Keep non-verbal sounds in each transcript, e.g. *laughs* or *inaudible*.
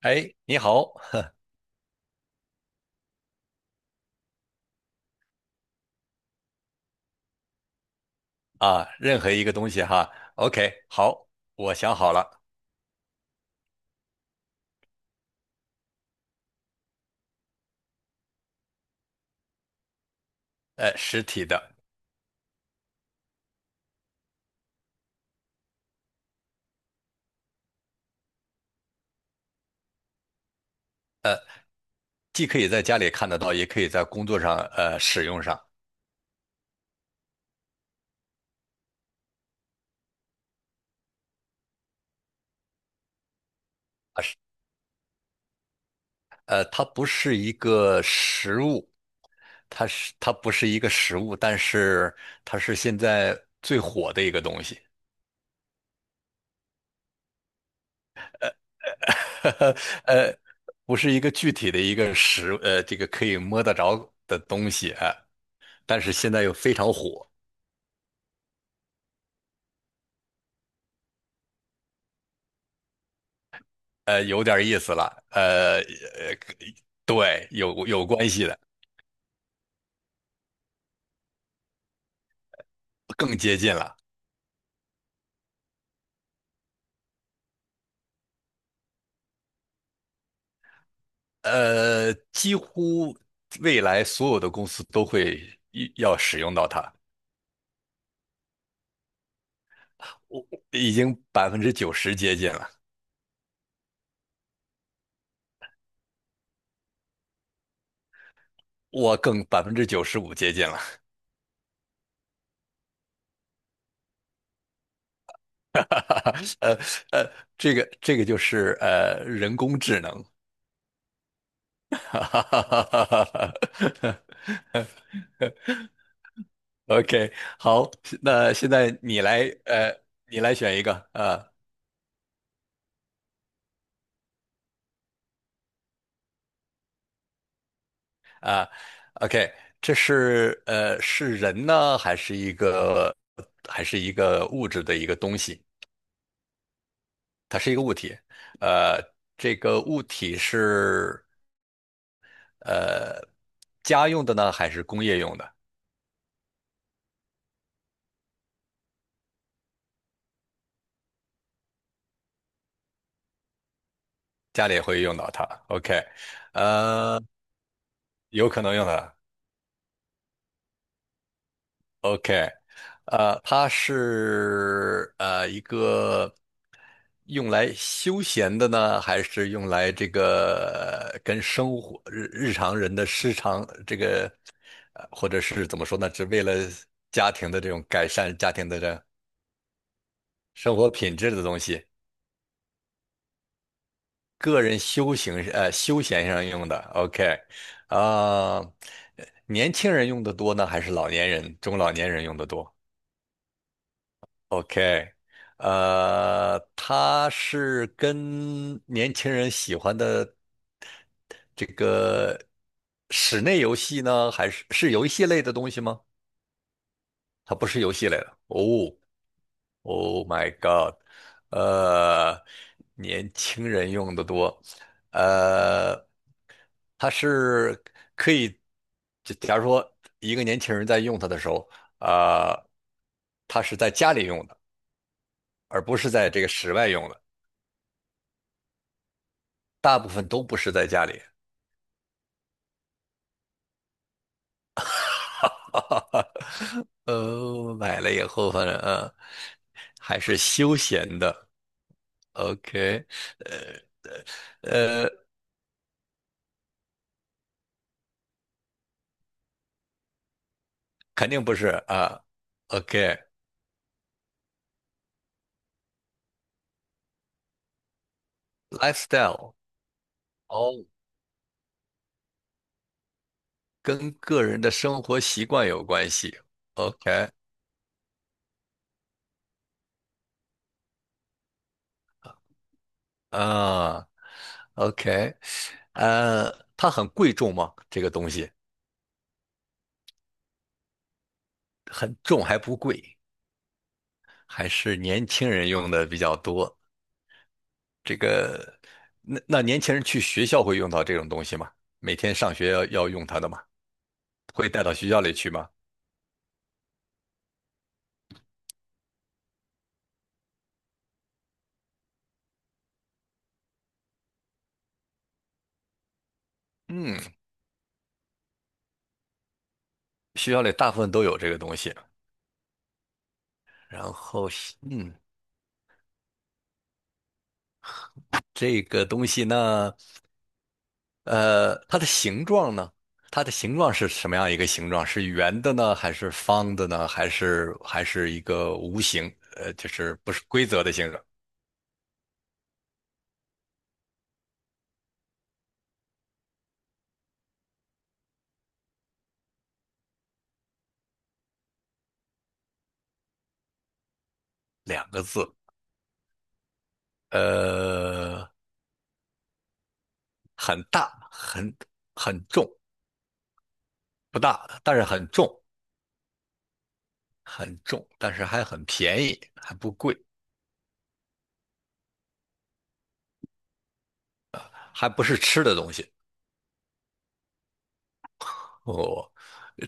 哎，你好啊，任何一个东西哈，OK，好，我想好了。实体的，既可以在家里看得到，也可以在工作上使用上。啊是，它不是一个实物，它不是一个实物，但是它是现在最火的一个东西。*laughs* 呃，不是一个具体的一个实，这个可以摸得着的东西啊，但是现在又非常火。有点意思了，对，有关系的。更接近了。几乎未来所有的公司都会一要使用到它。我已经百分之九十接近了，我更95%接近了。*laughs* 呃呃，这个就是人工智能。*laughs* OK，好，那现在你来，呃，你来选一个啊。啊 OK，这是呃是人呢，还是一个还是一个物质的一个东西？它是一个物体。呃，这个物体是呃家用的呢，还是工业用的？家里也会用到它。OK。呃，有可能用的。OK，呃，它是呃一个。用来休闲的呢，还是用来这个跟生活日常人的日常这个，或者是怎么说呢，只为了家庭的这种改善家庭的这生活品质的东西，个人修行休闲上用的，OK。啊、年轻人用的多呢，还是老年人、中老年人用的多？OK。他是跟年轻人喜欢的这个室内游戏呢，还是是游戏类的东西吗？它不是游戏类的。哦，Oh my God，呃，年轻人用的多。呃，它是可以，就假如说一个年轻人在用它的时候，啊、他是在家里用的，而不是在这个室外用的，大部分都不是在家里。*laughs* 买了以后，反正啊，还是休闲的。OK。呃呃，肯定不是啊。OK，lifestyle。 哦，跟个人的生活习惯有关系。OK 啊，OK。呃，它很贵重吗？这个东西很重还不贵。还是年轻人用的比较多。这个，那年轻人去学校会用到这种东西吗？每天上学要用它的吗？会带到学校里去吗？嗯，学校里大部分都有这个东西。然后是嗯，这个东西呢，它的形状呢，它的形状是什么样一个形状？是圆的呢，还是方的呢，还是还是一个无形？呃，就是不是规则的形状？两个字，呃，很大，很重。不大，但是很重。很重，但是还很便宜，还不贵，还不是吃的东西。*laughs* 哦，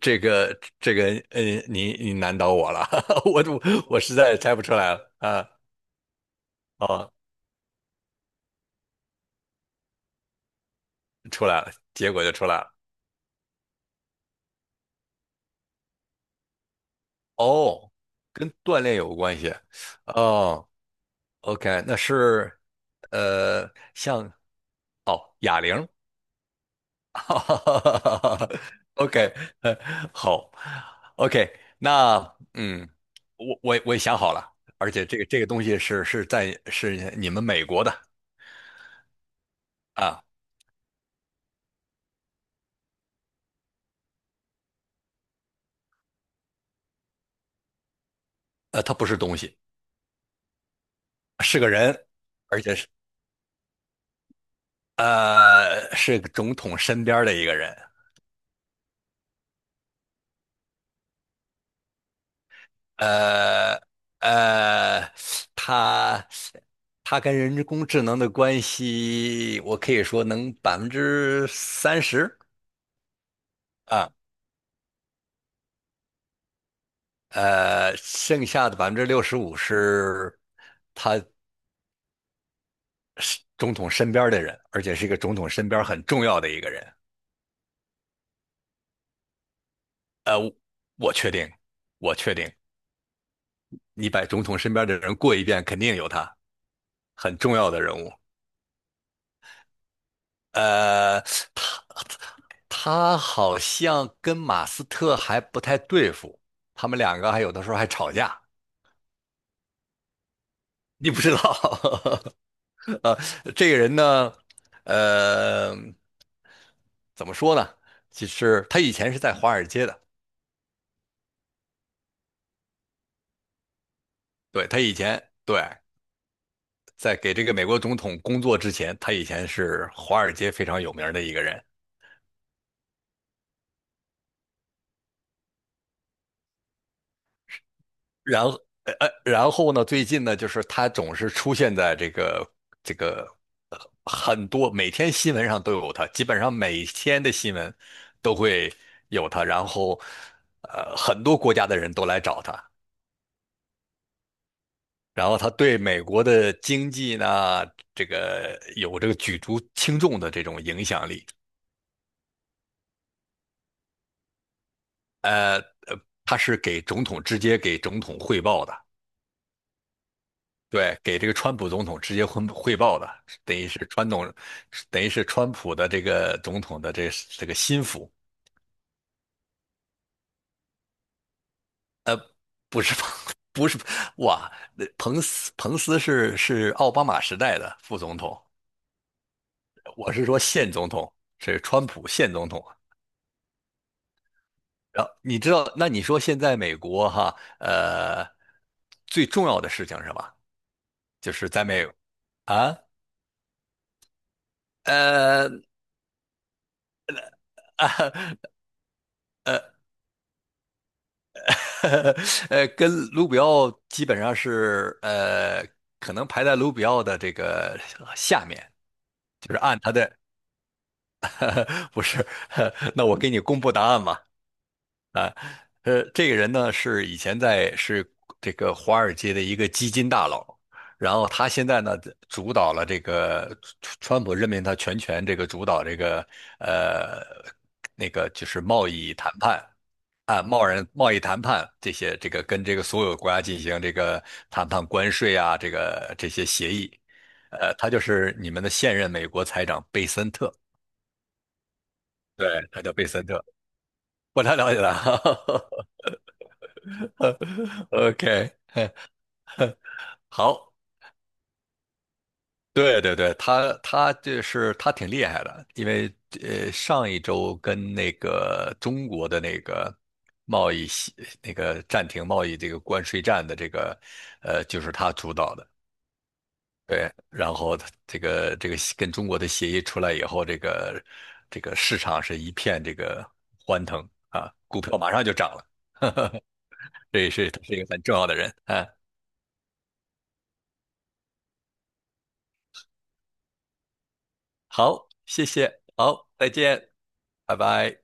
这个，嗯，你难倒我了，*laughs* 我我实在猜不出来了啊。哦，出来了，结果就出来了。哦，跟锻炼有关系。哦，OK，那是像哦哑铃。*laughs* OK，呃好，OK，那嗯，我也想好了，而且这个东西是是在是你们美国的啊。它不是东西。是个人，而且是是总统身边的一个人。呃呃，他他跟人工智能的关系，我可以说能30%。啊，剩下的65%是他是总统身边的人，而且是一个总统身边很重要的一个人。呃，我确定，我确定，你把总统身边的人过一遍，肯定有他，很重要的人物。呃，他他好像跟马斯特还不太对付，他们两个还有的时候还吵架。你不知道。*laughs* 呃，这个人呢，呃，怎么说呢？其实他以前是在华尔街的。对，他以前对在给这个美国总统工作之前，他以前是华尔街非常有名的一个人。然后，然后呢，最近呢，就是他总是出现在这个很多，每天新闻上都有他，基本上每天的新闻都会有他。然后，很多国家的人都来找他，然后他对美国的经济呢，这个有这个举足轻重的这种影响力。他是给总统直接给总统汇报的。对，给这个川普总统直接汇报的，等于是川总，等于是川普的这个总统的这这个心腹。不是彭，*laughs* 不是哇，那彭斯是是奥巴马时代的副总统，我是说现总统，是川普现总统。然后你知道，那你说现在美国哈，最重要的事情是吧？就是在美啊，呃啊呃 *laughs* 跟卢比奥基本上是呃，可能排在卢比奥的这个下面，就是按他的 *laughs* 不是，*laughs* 那我给你公布答案吧。这个人呢是以前在是这个华尔街的一个基金大佬，然后他现在呢主导了这个川川普任命他全权这个主导这个呃那个就是贸易谈判啊贸然贸易谈判这些这个跟这个所有国家进行这个谈判关税啊这个这些协议。他就是你们的现任美国财长贝森特。对，他叫贝森特，不太了解他 *laughs*，OK *laughs*。好，对对对，他他就是他挺厉害的，因为上一周跟那个中国的那个贸易协那个暂停贸易这个关税战的这个就是他主导的。对，然后他这个这个跟中国的协议出来以后，这个这个市场是一片这个欢腾啊，股票马上就涨了。*laughs* 这也是他是一个很重要的人啊。好，谢谢，好，再见，拜拜。